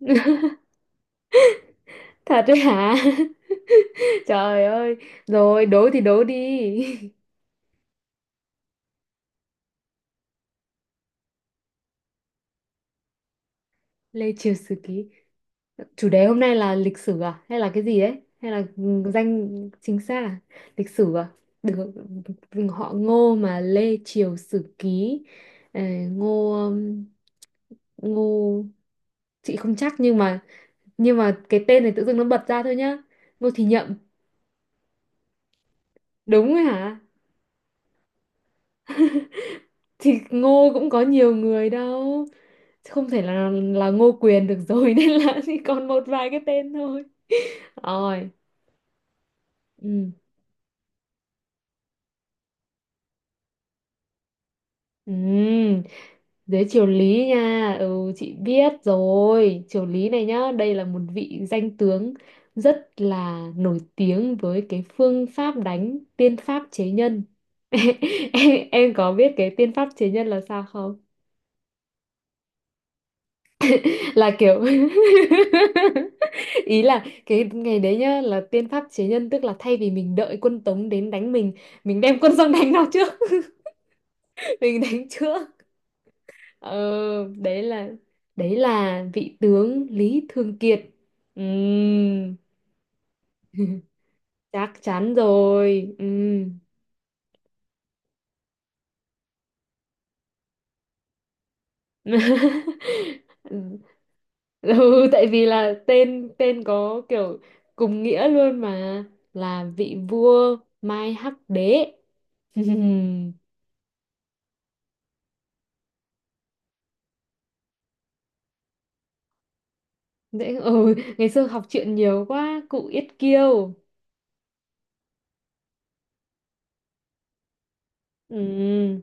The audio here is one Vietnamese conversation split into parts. Thật đấy hả? Trời ơi. Rồi, đố thì đố đi. Lê Triều Sử Ký. Chủ đề hôm nay là lịch sử à? Hay là cái gì đấy? Hay là danh chính xác à? Lịch sử à? Được, họ Ngô mà Lê Triều Sử Ký. Ờ, Ngô Ngô chị không chắc nhưng mà cái tên này tự dưng nó bật ra thôi nhá. Ngô Thì Nhậm. Đúng rồi hả? Thì Ngô cũng có nhiều người đâu. Không thể là Ngô Quyền được rồi nên là chỉ còn một vài cái tên thôi. Rồi, ừ. Ừ. Dưới triều Lý nha, chị biết rồi, triều Lý này nhá, đây là một vị danh tướng rất là nổi tiếng với cái phương pháp đánh tiên pháp chế nhân. Em có biết cái tiên pháp chế nhân là sao không là kiểu ý là cái ngày đấy nhá là tiên pháp chế nhân tức là thay vì mình đợi quân Tống đến đánh mình đem quân sang đánh nó trước mình đánh trước ờ, Đấy là vị tướng Lý Thường Kiệt. Ừm, chắc chắn rồi. Ừm. Ừ, tại vì là tên tên có kiểu cùng nghĩa luôn mà, là vị vua Mai Hắc Đế. Dễ, ừ, ngày xưa học truyện nhiều quá, cụ Yết Kiêu. Ừ,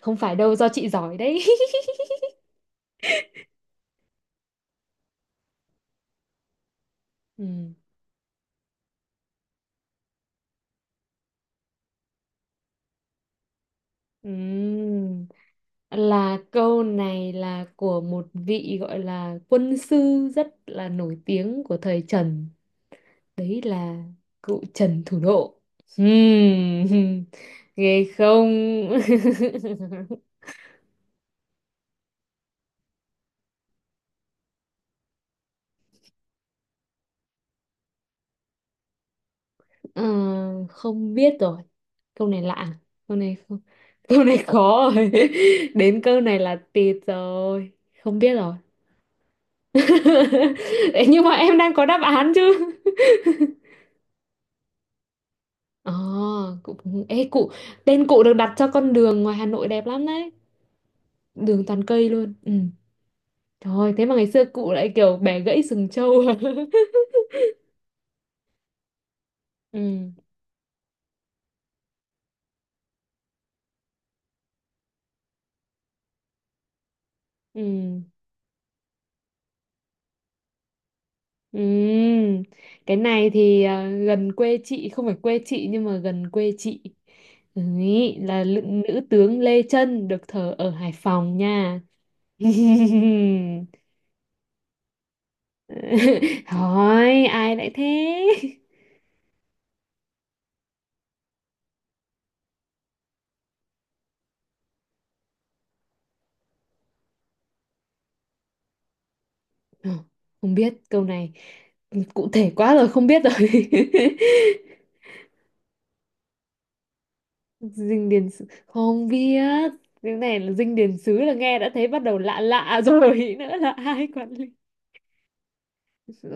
không phải đâu, do chị giỏi đấy. Ừ, ừ. Là câu này là của một vị gọi là quân sư rất là nổi tiếng của thời Trần. Đấy là cụ Trần Thủ Độ. Ừ, ghê không? Ờ, không biết rồi, câu này lạ, câu này không, câu này khó rồi. Đến câu này là tịt rồi, không biết rồi. Ê, nhưng mà em đang có đáp án chứ. Ờ, cụ, ê cụ, tên cụ được đặt cho con đường ngoài Hà Nội đẹp lắm đấy, đường toàn cây luôn. Ừ, trời ơi, thế mà ngày xưa cụ lại kiểu bẻ gãy sừng trâu. Ừ. Ừ. Ừm, cái này thì à, gần quê chị, không phải quê chị nhưng mà gần quê chị. Đấy, là nữ tướng Lê Trân được thờ ở Hải Phòng nha. Hỏi ai lại thế. Ờ, không biết câu này, cụ thể quá rồi, không biết rồi. Dinh điền sứ không biết, cái này là dinh điền xứ là nghe đã thấy bắt đầu lạ lạ rồi nữa là ai quản lý.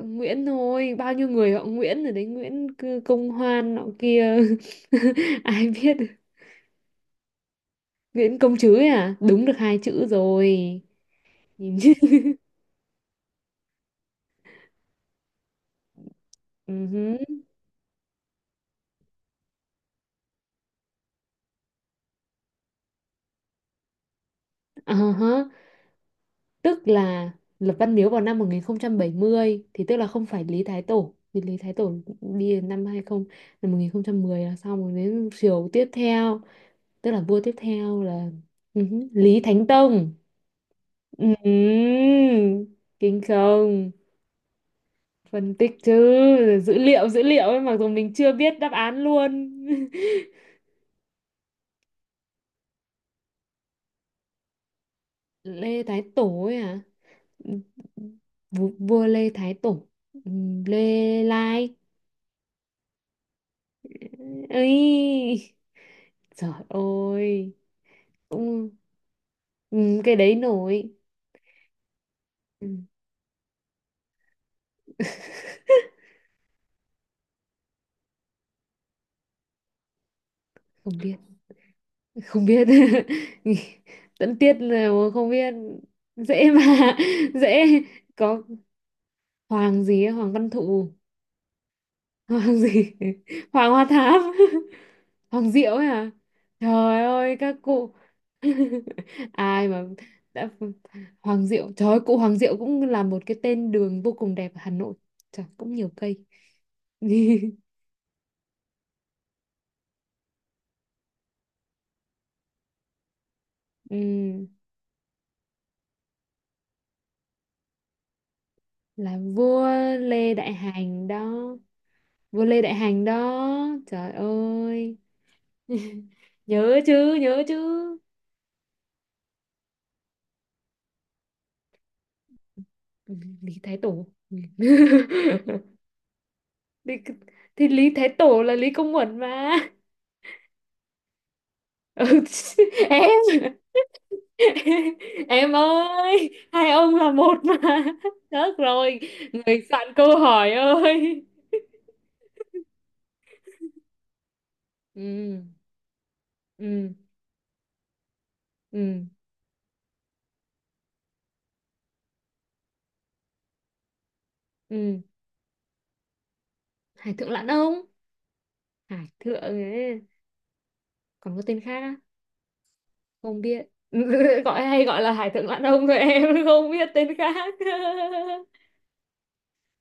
Nguyễn thôi, bao nhiêu người họ Nguyễn rồi đấy, Nguyễn Công Hoan nọ kia. Ai biết. Nguyễn Công Trứ ấy à, đúng được hai chữ rồi, nhìn chứ. Ừ hứ. Ờ hớ. Tức là lập Văn Miếu vào năm 1070 thì tức là không phải Lý Thái Tổ, vì Lý Thái Tổ đi đến năm 20, năm 1010 là xong, rồi đến triều tiếp theo, tức là vua tiếp theo là Lý Thánh Tông. Ừm, kinh không? Phân tích chứ. Dữ liệu ấy, mặc dù mình chưa biết đáp án luôn. Lê Thái Tổ ấy à. Vua Lê Thái Tổ. Lê Lai ấy, trời ơi, cũng cái đấy nổi. Ừm, không biết, không biết. Tận tiết là không biết, dễ mà dễ. Có Hoàng gì ấy, Hoàng Văn Thụ. Hoàng gì? Hoàng Hoa Thám. Hoàng Diệu ấy à? Trời ơi các cụ. Ai mà đã Hoàng Diệu, trời ơi, cụ Hoàng Diệu cũng là một cái tên đường vô cùng đẹp ở Hà Nội. Trời cũng nhiều cây. Ừm, là vua Lê Đại Hành đó. Vua Lê Đại Hành đó. Trời ơi. Nhớ chứ, nhớ chứ. Ừ, Lý Thái Tổ. Ừ. thì, thì Lý Thái Tổ là Lý Công Uẩn mà. Ừ, em em ơi, hai ông là một mà. Được rồi, người soạn câu hỏi ơi. Ừ. Ừ. Ừ. Ừ. Hải Thượng Lãn Ông, Hải Thượng ấy. Còn có tên khác á, không biết. Gọi hay gọi là Hải Thượng Lãn Ông thôi em, không biết tên khác.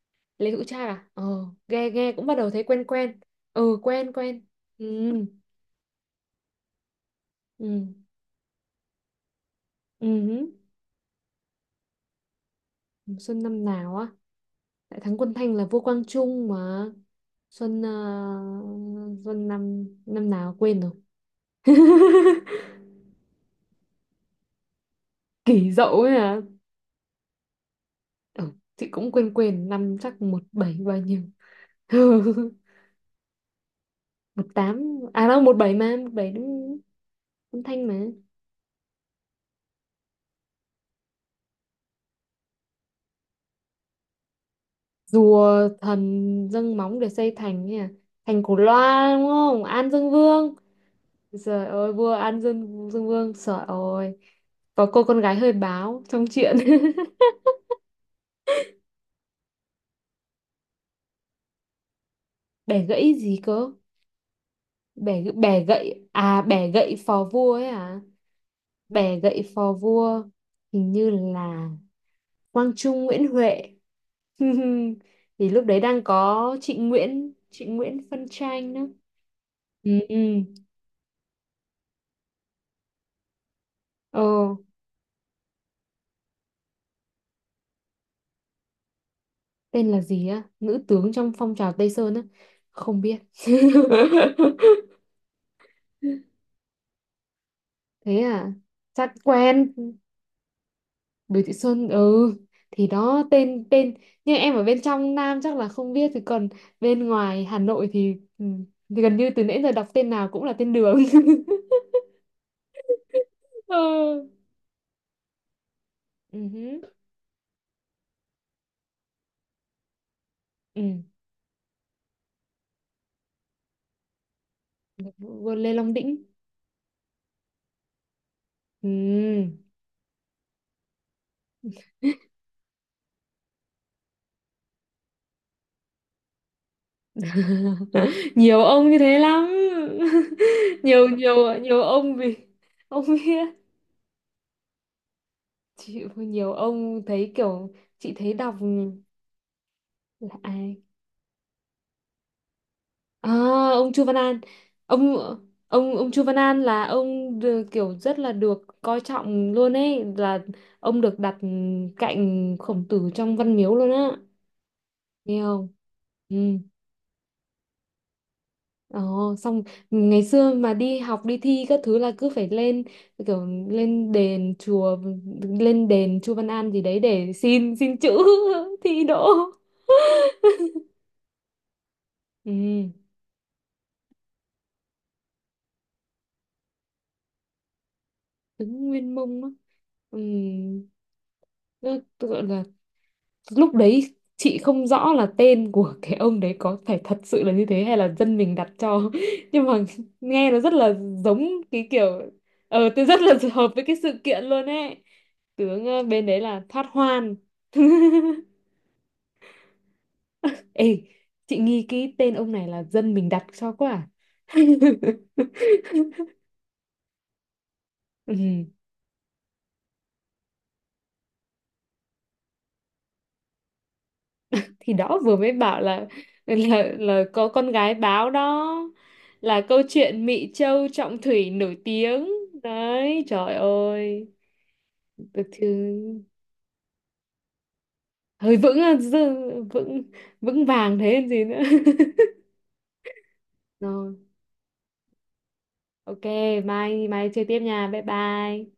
Lê Hữu Trác à, ờ, nghe nghe cũng bắt đầu thấy quen quen. Ừ, quen quen. Ừ. Ừ. Ừ. Xuân năm nào á? Đại thắng quân Thanh là vua Quang Trung mà. Xuân Xuân năm năm nào quên rồi. Kỷ Dậu ấy à. Ừ, chị cũng quên quên năm chắc một bảy bao nhiêu. Một tám. À đâu một bảy mà, một bảy đúng, quân Thanh mà. Rùa thần dâng móng để xây thành ấy à. Thành Cổ Loa đúng không? An Dương Vương. Trời ơi, vua An Dương Vương, trời ơi. Có cô con gái hơi báo trong chuyện. Bẻ gãy gì cơ? Bẻ gậy, à bẻ gậy phò vua ấy à? Bẻ gậy phò vua, hình như là Quang Trung Nguyễn Huệ. Thì lúc đấy đang có Trịnh Nguyễn phân tranh nữa. Ừ, ừ. Ờ, tên là gì á? Nữ tướng trong phong trào Tây Sơn á? Không biết. Thế à? Chắc quen. Bùi Thị Xuân. Ừ thì đó, tên tên nhưng em ở bên trong Nam chắc là không biết, thì còn bên ngoài Hà Nội thì, ừ, thì gần như từ nãy giờ đọc tên nào cũng là tên đường. Ừ. Ừ. Hứ, ừ. Vua Lê Long Đĩnh. Ừ. Nhiều ông như thế lắm. Nhiều, nhiều. Nhiều ông vì ông biết, chị nhiều ông thấy kiểu chị thấy đọc là ai. À, ông Chu Văn An. ông ông Chu Văn An là ông kiểu rất là được coi trọng luôn ấy, là ông được đặt cạnh Khổng Tử trong Văn Miếu luôn á. Nghe không? Ừ. Ồ, xong ngày xưa mà đi học đi thi các thứ là cứ phải lên kiểu lên đền chùa, lên đền Chu Văn An gì đấy để xin xin chữ. Thi đỗ. Ừ đúng Nguyên Mông á. Ừ. Nó gọi là, lúc đấy chị không rõ là tên của cái ông đấy có phải thật sự là như thế hay là dân mình đặt cho nhưng mà nghe nó rất là giống cái kiểu tôi rất là hợp với cái sự kiện luôn ấy. Tướng bên đấy là Thoát Hoan. Ê, chị nghi cái tên ông này là dân mình đặt cho quá à? Ừ. Thì đó vừa mới bảo là là có con gái báo đó, là câu chuyện Mỹ Châu Trọng Thủy nổi tiếng. Đấy trời ơi. Được chứ, hơi vững á, vững, vững vàng thế còn gì nữa. Rồi, ok, mai mai chơi tiếp nha, bye bye.